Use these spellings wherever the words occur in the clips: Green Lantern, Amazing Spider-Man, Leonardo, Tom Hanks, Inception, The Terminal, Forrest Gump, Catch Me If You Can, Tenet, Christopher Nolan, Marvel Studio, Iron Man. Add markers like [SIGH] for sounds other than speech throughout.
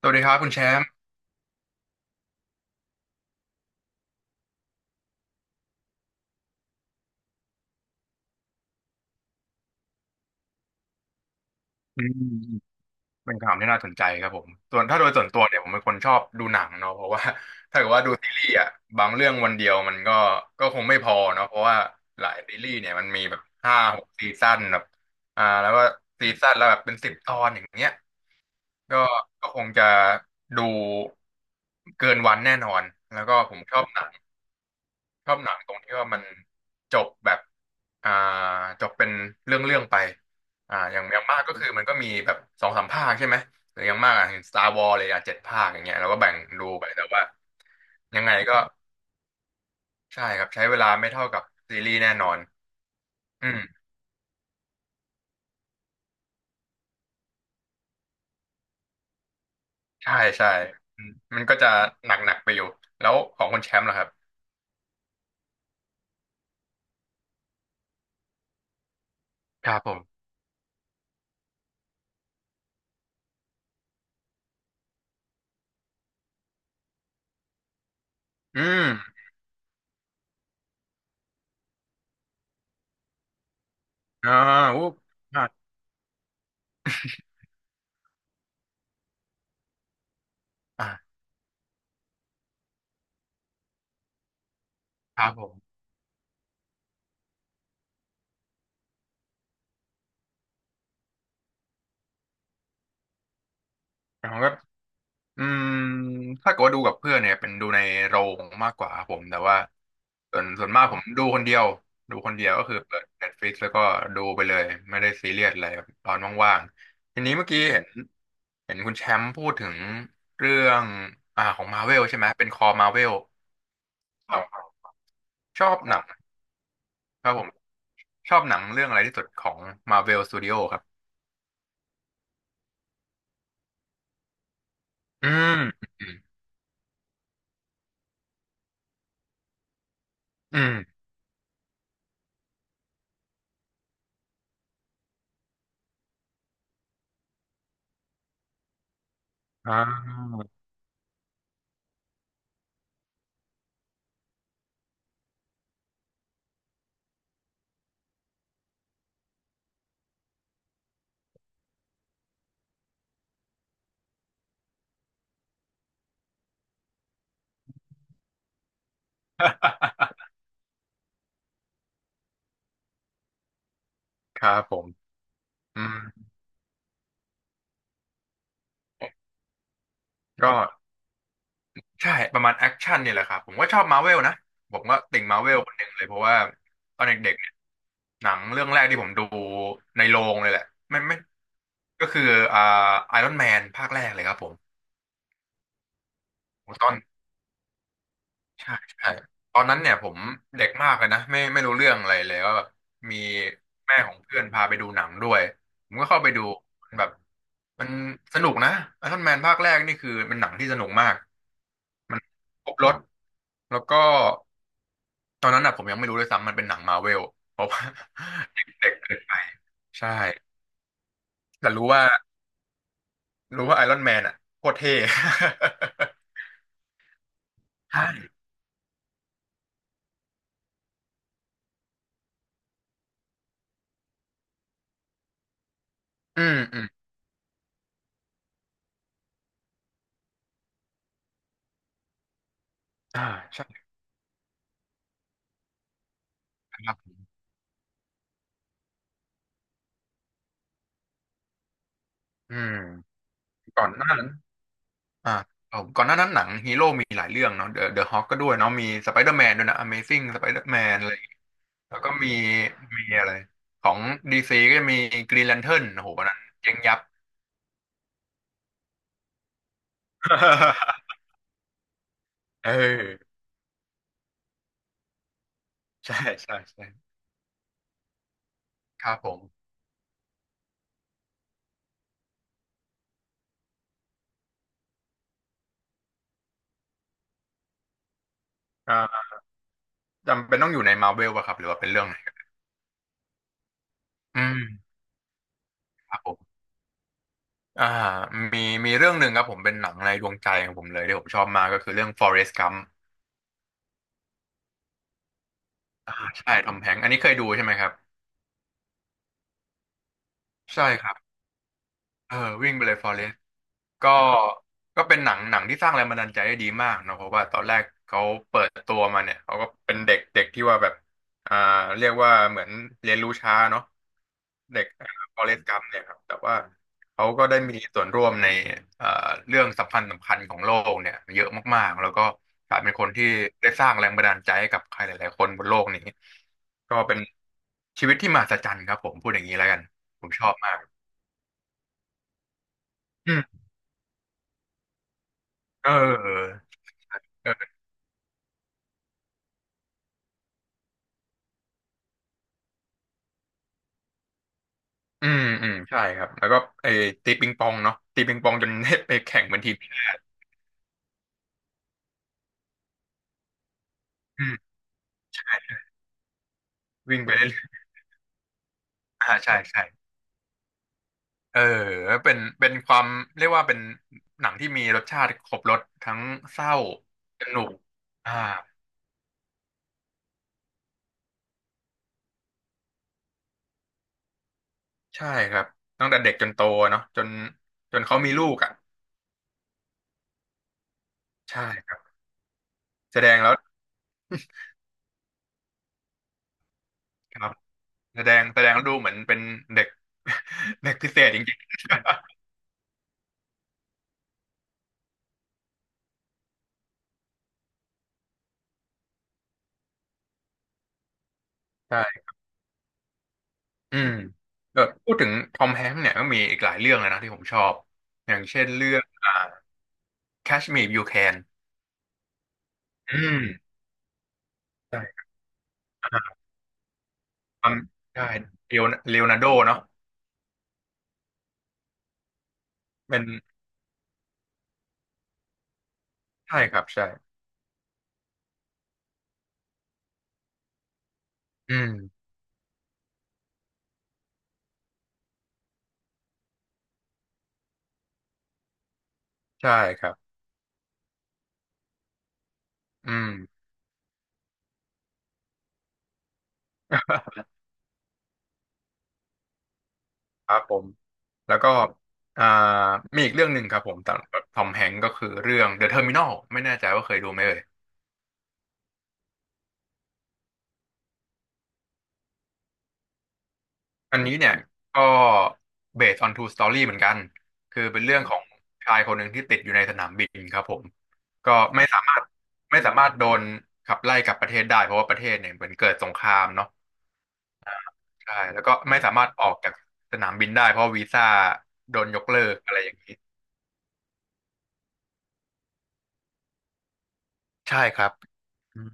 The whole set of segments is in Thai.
สวัสดีครับคุณแชมป์อืมเป็นขถามที่น่าสนใจครับผมส่วนถ้าโดยส่วนตัวเนี่ยผมเป็นคนชอบดูหนังเนาะเพราะว่าถ้าเกิดว่าดูซีรีส์อ่ะบางเรื่องวันเดียวมันก็คงไม่พอเนาะเพราะว่าหลายซีรีส์เนี่ยมันมีแบบห้าหกซีซั่นแบบแล้วก็ซีซั่นแล้วแบบเป็นสิบตอนอย่างเงี้ยก็ก็คงจะดูเกินวันแน่นอนแล้วก็ผมชอบหนัง ชอบหนังตรงที่ว่ามันจบแบบอ่าจบเป็นเรื่องเรื่องไปอย่างอย่างมากก็คือมันก็มีแบบสองสามภาคใช่ไหมหรืออย่างมากอ่ะเห็น Star เลยอ่ะเจ็ดภาคอย่างเงี้ยเราก็แบ่งดูไปแต่ว่ายังไงก็ใช่ครับใช้เวลาไม่เท่ากับซีรีส์แน่นอนอืมใช่ใช่อืมมันก็จะหนักๆไปอยู่แล้วของคนแชมป์ล่ะครับครับผมอืมอ่าอุ๊บอ่าอ่าครับผมก็ อืมถ้าเกิดว่าดูกับเพื่อนเนี่ยเป็นดูในโรงมากกว่าครับผมแต่ว่าส่วนส่วนมากผมดูคนเดียวดูคนเดียวก็คือเปิด Netflix แล้วก็ดูไปเลยไม่ได้ซีเรียสอะไรครับตอนว่างๆทีนี้เมื่อกี้เห็นเห็นคุณแชมป์พูดถึงเรื่องของมาเวลใช่ไหมเป็นคอมาเวลชอบหนังครับผมชอบหนังเรื่องอะไรที่สุดของ Marvel Studio ครับอืมอืมอืมอ่าครับผมอืมก็ ใช่ประมาณแอคชั่นเนี่ยแหละครับผมก็ชอบมาเวลนะผมก็ติ่งมาเวลคนหนึ่งเลยเพราะว่าตอนเด็กๆเนี่ยหนังเรื่องแรกที่ผมดูในโรงเลยแหละไม่ก็คืออ่าไอรอนแมนภาคแรกเลยครับผมผมตอนใช่ใช่ตอนนั้นเนี่ยผมเด็กมากเลยนะไม่รู้เรื่องอะไรเลยก็แบบมีแม่ของเพื่อนพาไปดูหนังด้วยผมก็เข้าไปดูแบบมันสนุกนะไอรอนแมนภาคแรกนี่คือเป็นหนังที่สนุกมากมันครบรถแล้วก็ ตอนนั้นอ่ะผมยังไม่รู้ด้วยซ้ำมันเป็นหนังมาเวลเพราะว่า [LAUGHS] เด็กเกินไปใช่แต่รู้ว่ารู้ว่าไอรอนแมนอ่ะโคตรเท่ [LAUGHS] ใช่ [LAUGHS] อืมอืมอ่าใช่ครับผมอืมก่อนหน้านั้นอ่าเอก่อนหน้านั้นหนังฮีโร่มีหลายเรื่องเนาะเดอะเดอะฮอคก็ด้วยเนาะมีสไปเดอร์แมนด้วยนะ Amazing สไปเดอร์แมนอะไรอย่างเงี้ยแล้วก็มีมีอะไรของดีซีก็จะมีกรีนแลนเทิร์นโอ้โหอันนั้นเจ๊งยับ [LAUGHS] เออใช่ใช่ใช่ครับผมอ่า จำเป็นต้องอยู่ในมาร์เวลป่ะครับหรือว่าเป็นเรื่องไหนอืมครับผมอ่ามีมีเรื่องหนึ่งครับผมเป็นหนังในดวงใจของผมเลยที่ผมชอบมากก็คือเรื่อง Forrest Gump ใช่ทอมแฮงค์อันนี้เคยดูใช่ไหมครับใช่ครับเออวิ่งไปเลย Forrest ก็ก็เป็นหนังหนังที่สร้างแรงบันดาลใจได้ดีมากเนอะเพราะว่าตอนแรกเขาเปิดตัวมาเนี่ยเขาก็เป็นเด็กเด็กที่ว่าแบบอ่าเรียกว่าเหมือนเรียนรู้ช้าเนาะเด็กฟอเรสต์กัมเนี่ยครับแต่ว่าเขาก็ได้มีส่วนร่วมในเอ่อเรื่องสำคัญสำคัญของโลกเนี่ยเยอะมากๆแล้วก็กลายเป็นคนที่ได้สร้างแรงบันดาลใจให้กับใครหลายๆคนบนโลกนี้ก็เป็นชีวิตที่มหัศจรรย์ครับผมพูดอย่างนี้แล้วกันผมชอบมากอืมเออ อืมอืมใช่ครับแล้วก็ไอ้ตีปิงปองเนาะตีปิงปองจน [LAUGHS] ได้ไปแข่งเป็นทีมอืมวิ่งไปเรื่อยๆใช่ใช่เออเป็นเป็นความเรียกว่าเป็นหนังที่มีรสชาติครบรสทั้งเศร้าสนุกอ่าใช่ครับตั้งแต่เด็กจนโตเนาะจนจนเขามีลูกอ่ะใช่ครับแสดงแล้วครับแสดงแสดงแล้วดูเหมือนเป็นเด็ก [LAUGHS] เด็กพิเศษจริงๆ [LAUGHS] ใช่ อืมเออพูดถึงทอมแฮงค์เนี่ยก็มีอีกหลายเรื่องเลยนะที่ผมชอบอย่างเช่นเรื่องCatch Me If You Can อืมใช่อ่าความใช่เลโอเลโอนาร์โดเนาะเป็นใช่ครับใช่อืมใช่ครับอืม [LAUGHS] ครับผมแล้วก็อ่ามีอีกเรื่องหนึ่งครับผมตามทอมแฮงก์ก็คือเรื่อง The Terminal ไม่แน่ใจว่าเคยดูไหมเอ่ย อันนี้เนี่ยก็ based on true story เหมือนกันคือเป็นเรื่องของชายคนหนึ่งที่ติดอยู่ในสนามบินครับผมก็ไม่สามารถไม่สามารถโดนขับไล่กลับประเทศได้เพราะว่าประเทศเนี่ยเหมือนเกิดสงครามเนาะใช่แล้วก็ไม่สามารถออกจากสนามบินได้เพราะวีซ่าโดนยกเลิกอะไรอย่างนี้ใช่ครับอืม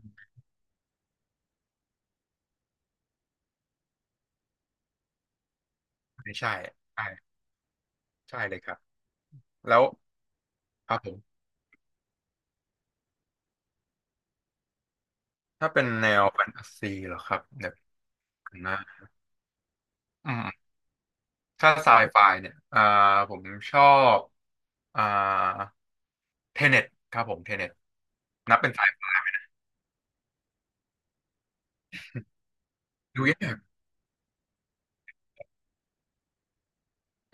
ไม่ใช่ใช่ใช่เลยครับแล้วครับผมถ้าเป็นแนวแฟนตาซีเหรอครับเดี๋ยวนะอืม ถ้าไซไฟเนี่ยผมชอบอ่าเทเน็ตครับผมเทเน็ตนับเป็นไซไฟดูยาก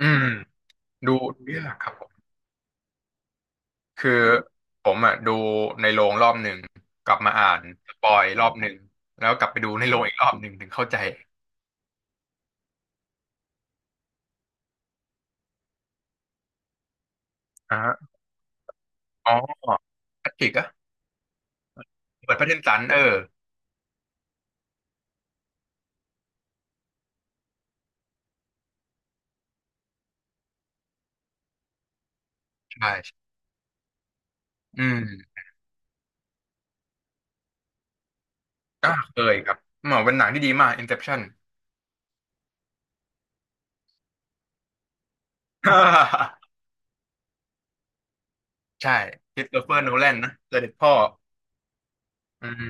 อืม ดูดูยากครับผมคือผมอ่ะดูในโรงรอบหนึ่งกลับมาอ่านสปอยรอบหนึ่งแล้วกลับไปดูในโรงอีกรอบหนึ่งถึงเข้าใจอ่ะอ๋อแพทริกอะเปิดพระเดนสันเออ ใช่ อืม ก็เคยครับเหมือนเป็นหนังที่ดีมาก Inception [LAUGHS] ใช่คริสโตเฟอร์โนแลนนะเจอเด็ดพ่ออืม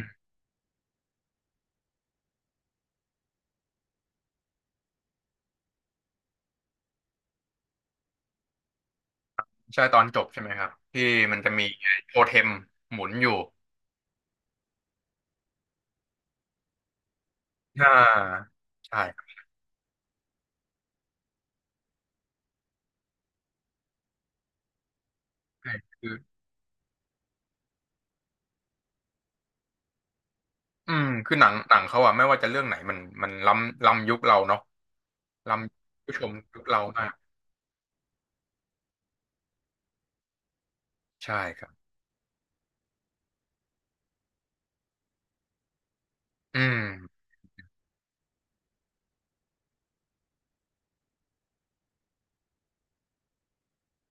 ใช่ตอนจบใช่ไหมครับที่มันจะมีโทเทมหมุนอยู่อ่าใช่ครับใช่คืออืมคือหนังหนังเขาอะไม่ว่าจะเรื่องไหนมันมันล้ำล้ำยุคเราเนาะล้ำผู้ชมยุคเรามากใช่ครับอืม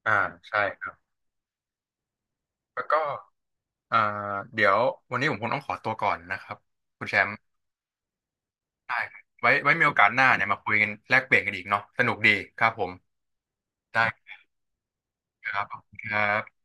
อ่าใช่ครับแล้วก็อ่าเดี๋ยววันนี้ผมคงต้องขอตัวก่อนนะครับคุณแชมป์ได้ครับไว้ไว้มีโอกาสหน้าเนี่ยมาคุยกันแลกเปลี่ยนกันอีกเนาะสนุกดีครับผมได้ครับขอบคุณครับ